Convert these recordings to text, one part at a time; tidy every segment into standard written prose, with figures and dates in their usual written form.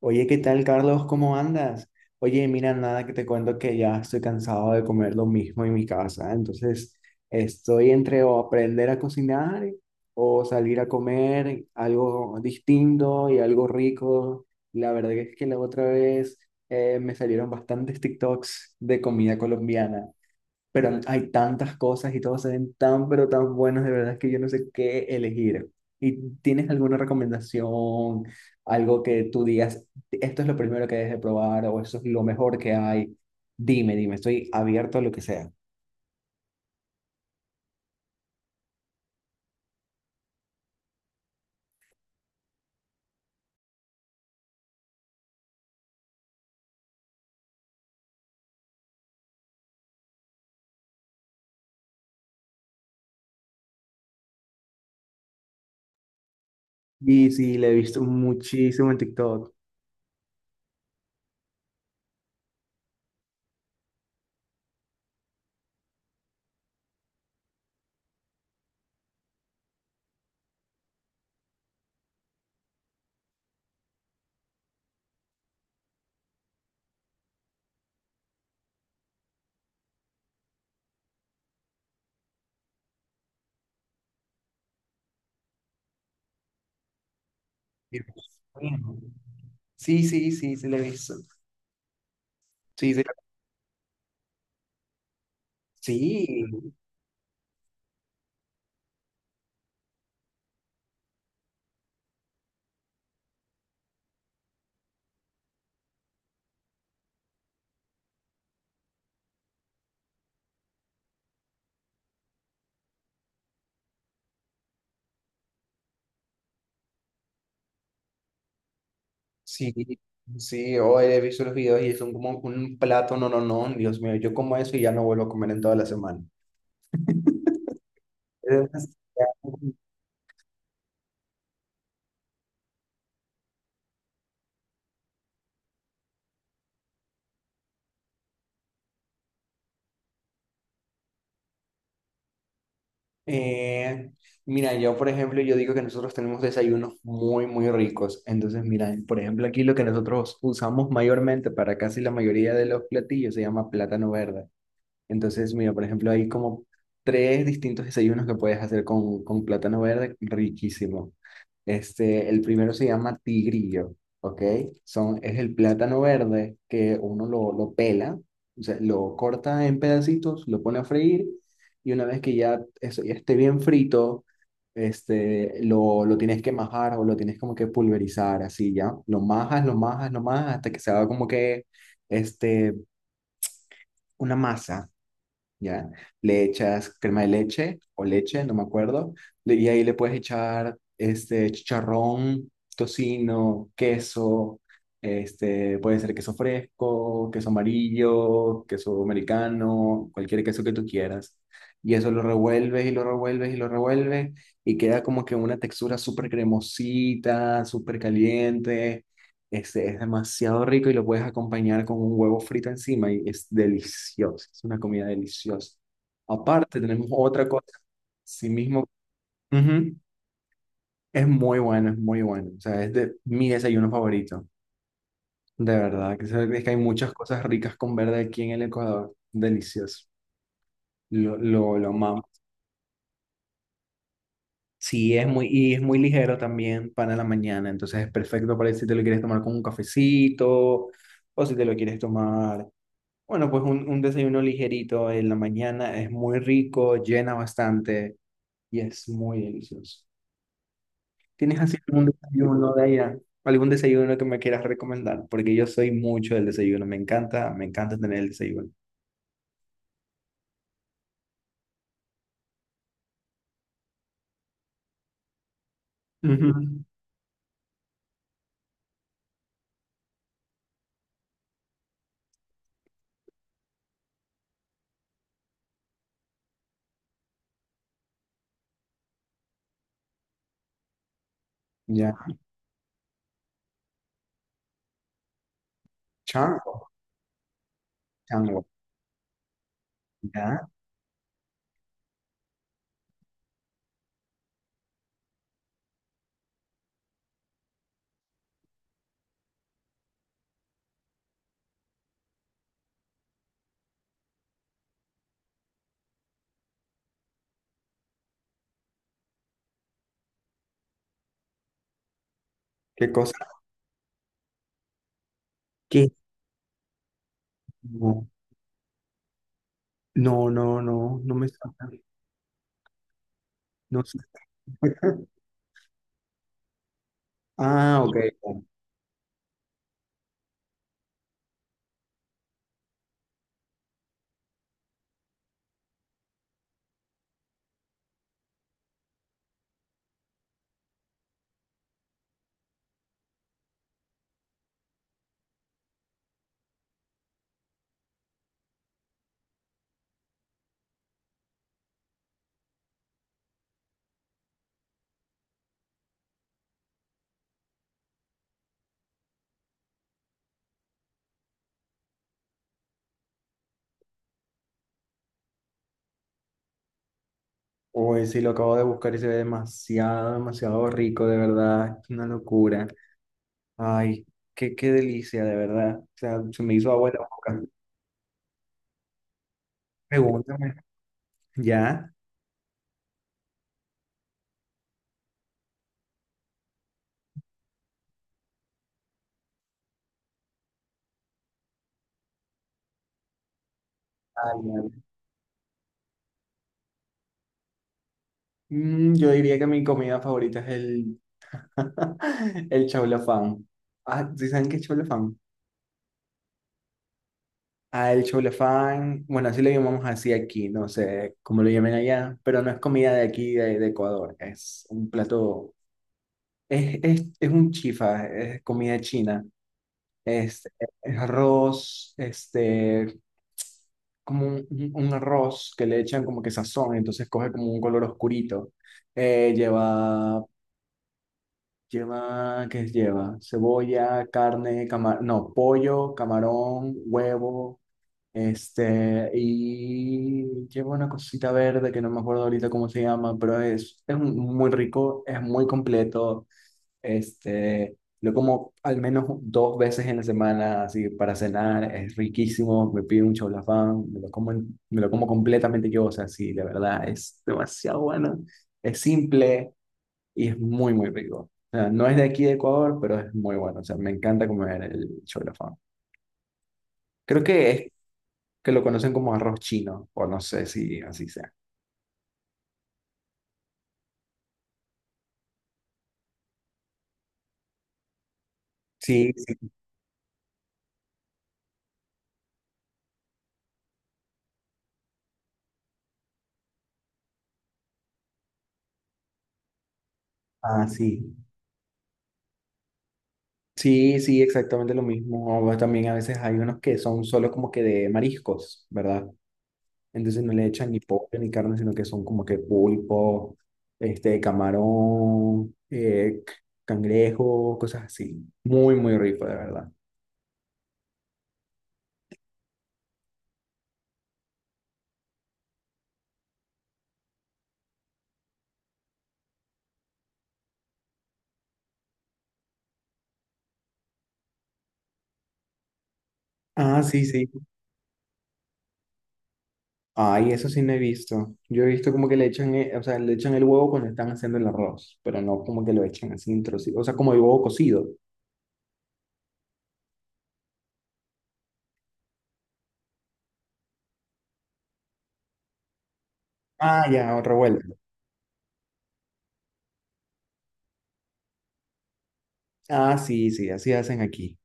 Oye, ¿qué tal, Carlos? ¿Cómo andas? Oye, mira, nada que te cuento que ya estoy cansado de comer lo mismo en mi casa. Entonces, estoy entre o aprender a cocinar o salir a comer algo distinto y algo rico. La verdad es que la otra vez me salieron bastantes TikToks de comida colombiana, pero hay tantas cosas y todos se ven tan, pero tan buenos, de verdad que yo no sé qué elegir. ¿Y tienes alguna recomendación, algo que tú digas, esto es lo primero que debes de probar o esto es lo mejor que hay? Dime, dime, estoy abierto a lo que sea. Y sí, le he visto muchísimo en TikTok. Dios mío. Sí, sí, sí, sí, le he visto. Sí, sí, sí, sí, sí, hoy he visto los videos y son como un plato, no, no, no, Dios mío, yo como eso y ya no vuelvo a comer en toda la semana. Es demasiado. Eh, Mira, yo por ejemplo, yo digo que nosotros tenemos desayunos muy, muy ricos. Entonces, mira, por ejemplo, aquí lo que nosotros usamos mayormente para casi la mayoría de los platillos se llama plátano verde. Entonces, mira, por ejemplo, hay como tres distintos desayunos que puedes hacer con plátano verde, riquísimo. El primero se llama tigrillo, ¿ok? Es el plátano verde que uno lo pela, o sea, lo corta en pedacitos, lo pone a freír y una vez que ya, eso ya esté bien frito, lo tienes que majar o lo tienes como que pulverizar, así ya. Lo majas, lo majas, lo majas hasta que se haga como que este, una masa, ¿ya? Le echas crema de leche o leche, no me acuerdo, y ahí le puedes echar este chicharrón, tocino, queso, este, puede ser queso fresco, queso amarillo, queso americano, cualquier queso que tú quieras. Y eso lo revuelves y lo revuelves y lo revuelves y queda como que una textura súper cremosita, súper caliente, este es demasiado rico y lo puedes acompañar con un huevo frito encima y es delicioso. Es una comida deliciosa. Aparte, tenemos otra cosa. Sí mismo. Ujú. Es muy bueno, es muy bueno. O sea, es de mi desayuno favorito. De verdad. Es que hay muchas cosas ricas con verde aquí en el Ecuador. Delicioso. Lo amamos. Sí, es muy, y es muy ligero también para la mañana. Entonces es perfecto para si te lo quieres tomar con un cafecito o si te lo quieres tomar. Bueno, pues un desayuno ligerito en la mañana es muy rico, llena bastante y es muy delicioso. ¿Tienes así algún desayuno de allá? ¿Algún desayuno que me quieras recomendar? Porque yo soy mucho del desayuno, me encanta tener el desayuno. Ujú. Ya, chango, chango, ya, ¿qué cosa? ¿Qué? No, no, no, no, no me suena, no sé. Ah, ok. Hoy sí lo acabo de buscar y se ve demasiado, demasiado rico, de verdad, es una locura. Ay, qué, qué delicia, de verdad. O sea, se me hizo agua en la boca. Pregúntame. ¿Ya? Ay, madre. Mm, yo diría que mi comida favorita es el chaulafán. Ah, ¿sí saben qué es chaulafán? Ah, el chaulafán, bueno, así lo llamamos así aquí, no sé cómo lo llamen allá, pero no es comida de aquí, de Ecuador. Es un plato, es un chifa, es comida china. este, arroz, como un arroz que le echan como que sazón, entonces coge como un color oscurito. Eh, lleva, lleva, ¿qué lleva? Cebolla, carne, camarón, no, pollo, camarón, huevo, este, y lleva una cosita verde que no me acuerdo ahorita cómo se llama, pero es muy rico, es muy completo. Este, lo como al menos dos veces en la semana, así para cenar, es riquísimo, me pido un chaulafán, me lo como, me lo como completamente yo, o sea, sí, la verdad, es demasiado bueno, es simple y es muy, muy rico. O sea, no es de aquí de Ecuador, pero es muy bueno, o sea, me encanta comer el chaulafán. Creo que es que lo conocen como arroz chino, o no sé si así sea. Sí, sí. Ah, sí. Sí, sí, exactamente lo mismo. O también a veces hay unos que son solo como que de mariscos, ¿verdad? Entonces no le echan ni pollo ni carne, sino que son como que pulpo, este, camarón, cangrejo, cosas así. Muy, muy rico, de verdad. Ah, sí, sí. Ay, eso sí no he visto. Yo he visto como que le echan, o sea, le echan el huevo cuando están haciendo el arroz, pero no como que lo echan así en trocitos, o sea, como el huevo cocido. Ah, ya, revuelto. Ah, sí, sí, así hacen aquí.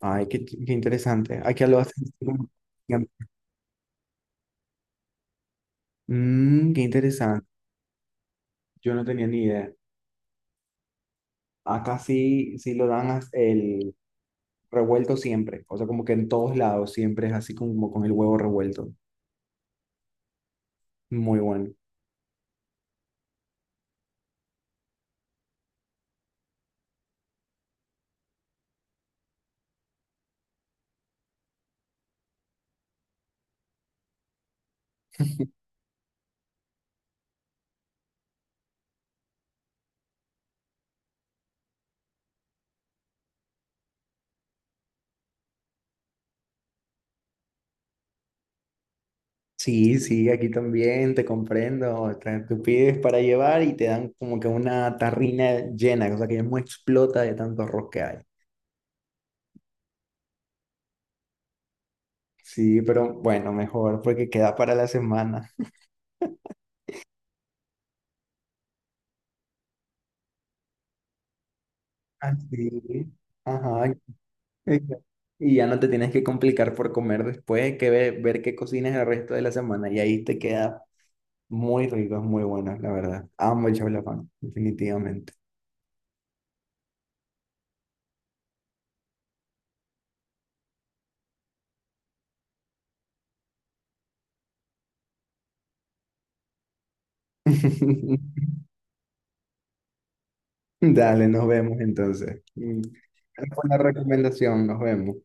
Ay, qué, qué interesante. Aquí lo hacen así Mm, qué interesante. Yo no tenía ni idea. Acá sí, sí lo dan el revuelto siempre. O sea, como que en todos lados siempre es así como con el huevo revuelto. Muy bueno. Sí, sí, aquí también te comprendo. Tú pides para llevar y te dan como que una tarrina llena, o sea, que ya no explota de tanto arroz que hay. Sí, pero bueno, mejor porque queda para la semana. Así. Ajá, exacto. Y ya no te tienes que complicar por comer después, ver qué cocinas el resto de la semana. Y ahí te queda muy rico, es muy bueno, la verdad. Amo el chablafán, definitivamente. Dale, nos vemos entonces. Mm, buena recomendación, nos vemos.